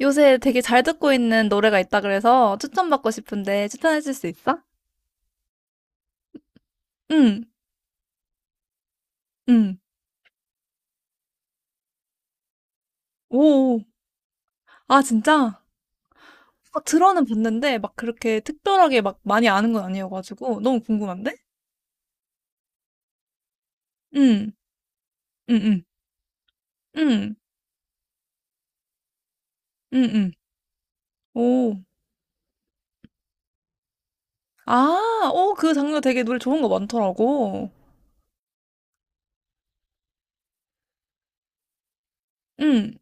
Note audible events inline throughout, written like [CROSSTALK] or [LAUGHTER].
요새 되게 잘 듣고 있는 노래가 있다 그래서 추천받고 싶은데 추천해 줄 수 있어? 응, 응. 오, 아, 진짜? 아, 들어는 봤는데 막 그렇게 특별하게 막 많이 아는 건 아니어가지고 너무 궁금한데? 응, 응, 응, 응, 응, 응. 오, 아, 오, 그 장르 되게 노래 좋은 거 많더라고. 응,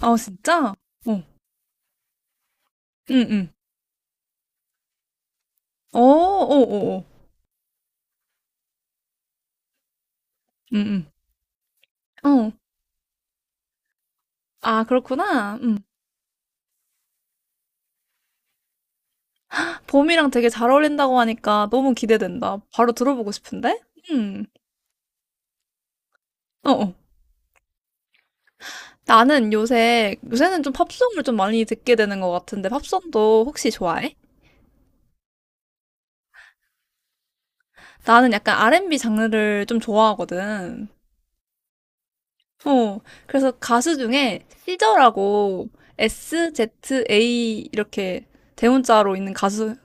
아, 진짜? 어, 응, 응. 오, 오, 오, 오. 응, 응. 어, 아, 그렇구나. 음. 봄이랑 되게 잘 어울린다고 하니까 너무 기대된다. 바로 들어보고 싶은데? 음, 어, 어. 나는 요새는 좀 팝송을 좀 많이 듣게 되는 것 같은데, 팝송도 혹시 좋아해? 나는 약간 R&B 장르를 좀 좋아하거든. 어, 그래서 가수 중에 시저라고 SZA 이렇게 대문자로 있는 가수,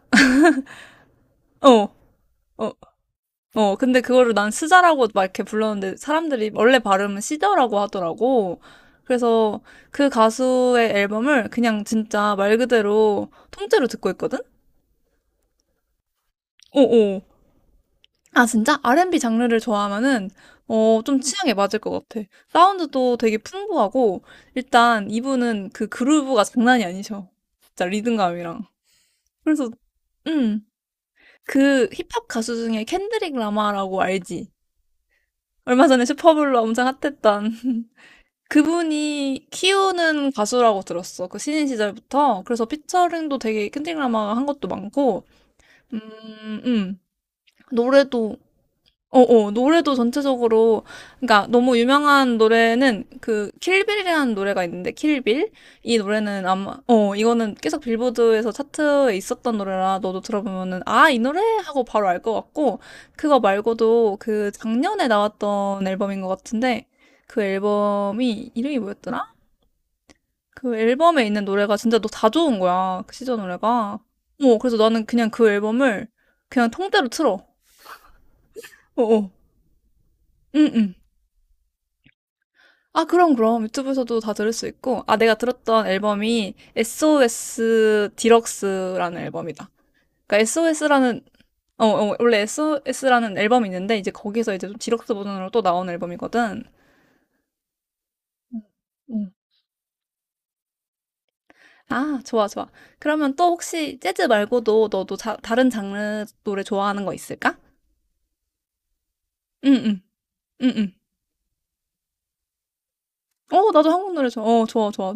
어, 어, 근데 그거를 난 스자라고 막 이렇게 불렀는데 사람들이 원래 발음은 시더라고 하더라고. 그래서 그 가수의 앨범을 그냥 진짜 말 그대로 통째로 듣고 있거든? 어어. 아, 진짜? R&B 장르를 좋아하면은, 어, 좀 취향에 맞을 것 같아. 사운드도 되게 풍부하고, 일단 이분은 그 그루브가 장난이 아니셔. 진짜 리듬감이랑. 그래서, 음, 그 힙합 가수 중에 켄드릭 라마라고 알지? 얼마 전에 슈퍼블로 엄청 핫했던. [LAUGHS] 그분이 키우는 가수라고 들었어. 그 신인 시절부터. 그래서 피처링도 되게 캔디라마가 한 것도 많고, 음, 음. 노래도, 노래도 전체적으로, 그러니까 너무 유명한 노래는 그 킬빌이라는 노래가 있는데, 킬빌? 이 노래는 아마, 이거는 계속 빌보드에서 차트에 있었던 노래라 너도 들어보면은, 아, 이 노래? 하고 바로 알 것 같고, 그거 말고도 그 작년에 나왔던 앨범인 것 같은데, 그 앨범이 이름이 뭐였더라? 그 앨범에 있는 노래가 진짜 너 다 좋은 거야. 그 시저 노래가. 그래서 나는 그냥 그 앨범을 그냥 통째로 틀어. 어, 어. 응, 응. 아, 그럼, 그럼. 유튜브에서도 다 들을 수 있고. 아, 내가 들었던 앨범이 SOS 디럭스라는 앨범이다. 그러니까 SOS라는, 원래 SOS라는 앨범이 있는데, 이제 거기서 이제 좀 디럭스 버전으로 또 나온 앨범이거든. 음, 음. 아, 좋아, 좋아. 그러면 또 혹시 재즈 말고도 너도 다른 장르 노래 좋아하는 거 있을까? 응, 응. 음음. 어 나도 한국 노래 좋아. 어 좋아 좋아.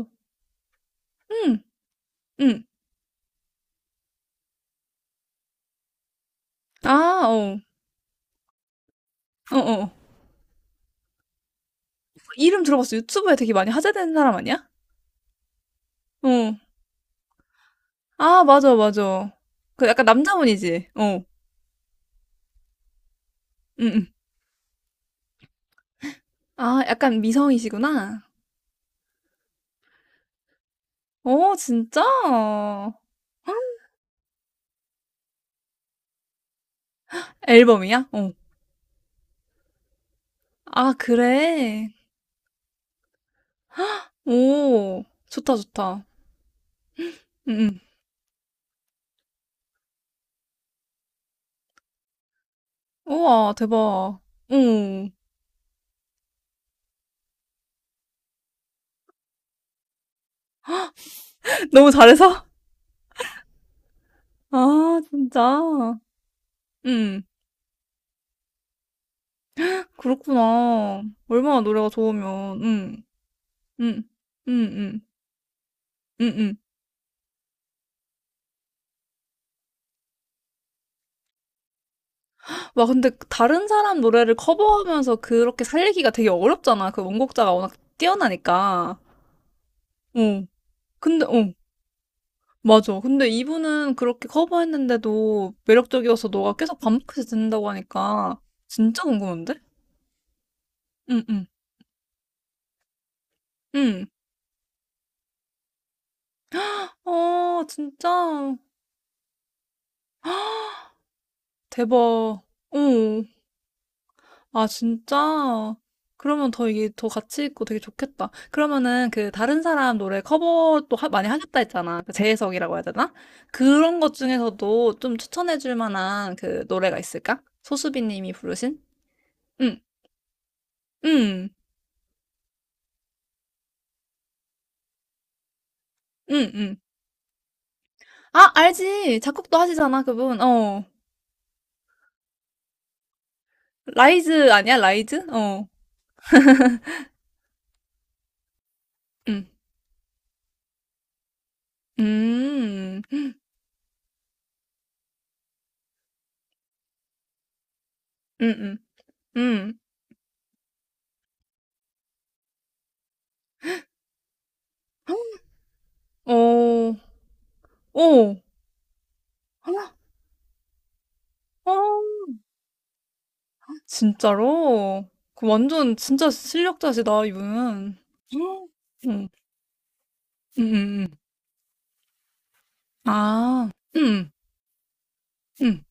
음. 음. 아, 어. 어, 어. 이름 들어봤어. 유튜브에 되게 많이 화제되는 사람 아니야? 어. 아, 맞아, 맞아. 그 약간 남자분이지. 어. 음. 음. 아, 약간 미성이시구나. 어, 진짜? 앨범이야? 어. 아, 그래. 오. 좋다, 좋다. 음. 음. 우와, 대박. 응. [LAUGHS] 너무 잘해서? 아, 진짜. 음. 그렇구나. 얼마나 노래가 좋으면. 응. 응. 응. 응. 응. 응. 와, 근데 다른 사람 노래를 커버하면서 그렇게 살리기가 되게 어렵잖아. 그 원곡자가 워낙 뛰어나니까. 어. 근데 어. 맞아. 근데 이분은 그렇게 커버했는데도 매력적이어서 너가 계속 반복해서 듣는다고 하니까 진짜 궁금한데? 응. 응. 응. 아, 진짜 대박. 어. 아, 진짜? 그러면 더 이게 더 가치 있고 되게 좋겠다. 그러면은 그 다른 사람 노래 커버도 많이 하셨다 했잖아. 그 재해석이라고 해야 되나? 그런 것 중에서도 좀 추천해 줄 만한 그 노래가 있을까? 소수비 님이 부르신? 응, 응, 응, 응. 아, 알지. 작곡도 하시잖아, 그분. 어. 라이즈 아니야? 라이즈? 어. 응, 음, 음, 음, 음. 어, 어, 어. 진짜로? 그 완전 진짜 실력자시다, 이분. 응, 응, 응. 응. 아, 응, 응.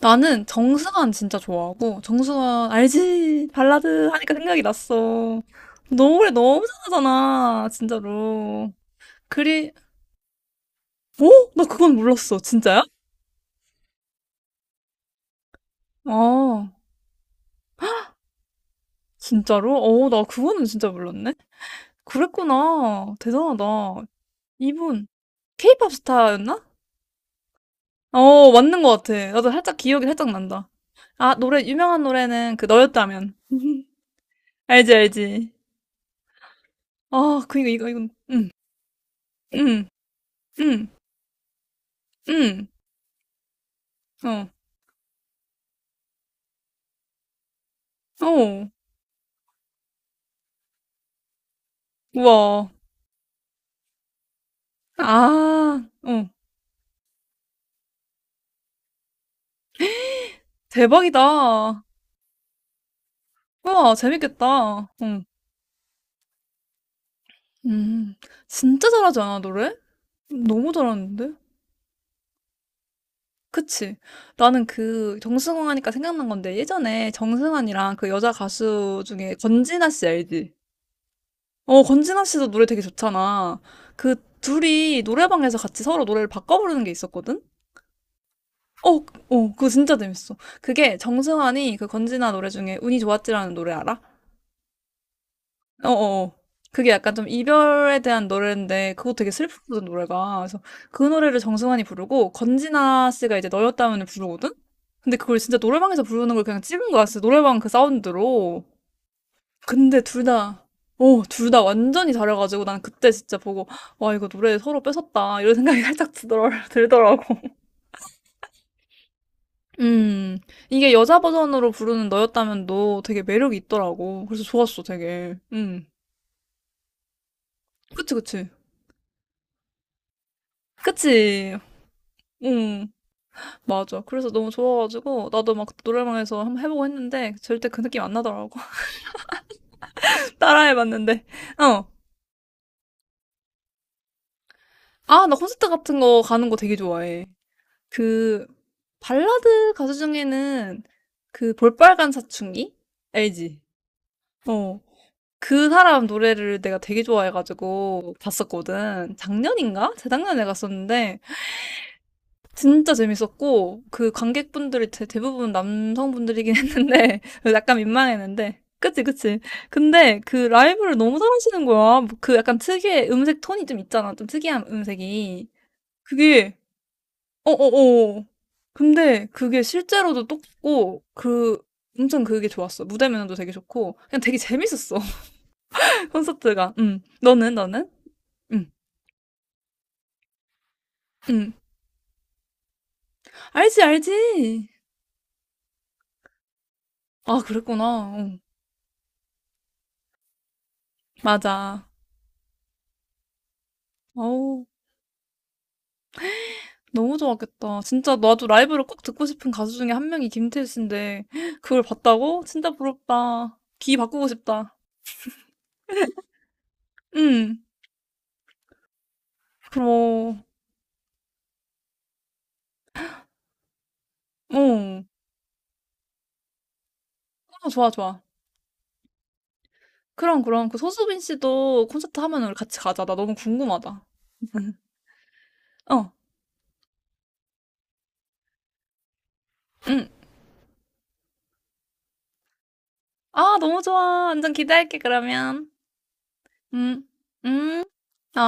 나는 정승환 진짜 좋아하고, 정승환, 알지? 발라드 하니까 생각이 났어. 노래 너무 잘하잖아, 진짜로. 그리, 어? 나 그건 몰랐어. 진짜야? 아, 진짜로? 어, 나 그거는 진짜 몰랐네? 그랬구나. 대단하다. 이분, 케이팝 스타였나? 어, 맞는 것 같아. 나도 살짝 기억이 살짝 난다. 아, 유명한 노래는 그 너였다면. [LAUGHS] 알지, 알지. 아, 그니까 이건, 응, 응, 응, 응, 어, 어, 우와. 아, 어, 대박이다. 우와, 재밌겠다. 응, 음, 진짜 잘하지 않아, 노래? 너무 잘하는데? 그치? 나는 그 정승환 하니까 생각난 건데 예전에 정승환이랑 그 여자 가수 중에 권진아 씨 알지? 어, 권진아 씨도 노래 되게 좋잖아. 그 둘이 노래방에서 같이 서로 노래를 바꿔 부르는 게 있었거든? 어, 어, 그거 진짜 재밌어. 그게 정승환이 그 권진아 노래 중에 운이 좋았지라는 노래 알아? 어, 어. 어. 그게 약간 좀 이별에 대한 노래인데 그거 되게 슬프거든 노래가. 그래서 그 노래를 정승환이 부르고 권진아 씨가 이제 너였다면을 부르거든? 근데 그걸 진짜 노래방에서 부르는 걸 그냥 찍은 거야. 진짜 노래방 그 사운드로. 근데 둘 다 완전히 잘해가지고 난 그때 진짜 보고, 와, 이거 노래 서로 뺏었다. 이런 생각이 [LAUGHS] 살짝 들더라고. 음, 이게 여자 버전으로 부르는 너였다면 너 되게 매력이 있더라고. 그래서 좋았어, 되게. 그치, 그치. 그치. 응, 맞아. 그래서 너무 좋아가지고, 나도 막 노래방에서 한번 해보고 했는데, 절대 그 느낌 안 나더라고. [LAUGHS] 따라해봤는데, 어. 아, 나 콘서트 같은 거 가는 거 되게 좋아해. 그 발라드 가수 중에는 그 볼빨간 사춘기? 알지? 어. 그 사람 노래를 내가 되게 좋아해가지고 봤었거든. 작년인가? 재작년에 갔었는데 진짜 재밌었고 그 관객분들이 대부분 남성분들이긴 했는데 [LAUGHS] 약간 민망했는데 그치 그치. 근데 그 라이브를 너무 잘하시는 거야. 뭐 그 약간 특유의 음색 톤이 좀 있잖아. 좀 특이한 음색이. 그게 어어어. 근데 그게 실제로도 똑고 그 엄청 그게 좋았어. 무대 매너도 되게 좋고 그냥 되게 재밌었어. [LAUGHS] 콘서트가. 음. 너는? 음. 음. 알지 알지. 아, 그랬구나. 응. 맞아. 어우. 너무 좋았겠다. 진짜 나도 라이브를 꼭 듣고 싶은 가수 중에 한 명이 김태우 씨인데 [GASPS] 그걸 봤다고? 진짜 부럽다. 귀 바꾸고 싶다. 응. 그럼. 어. 어, 좋아 좋아. 그럼, 그럼. 그 소수빈 씨도 콘서트 하면 우리 같이 가자. 나 너무 궁금하다. [LAUGHS] 어, 응. 아, 너무 좋아. 완전 기대할게, 그러면. 응, 응, 어.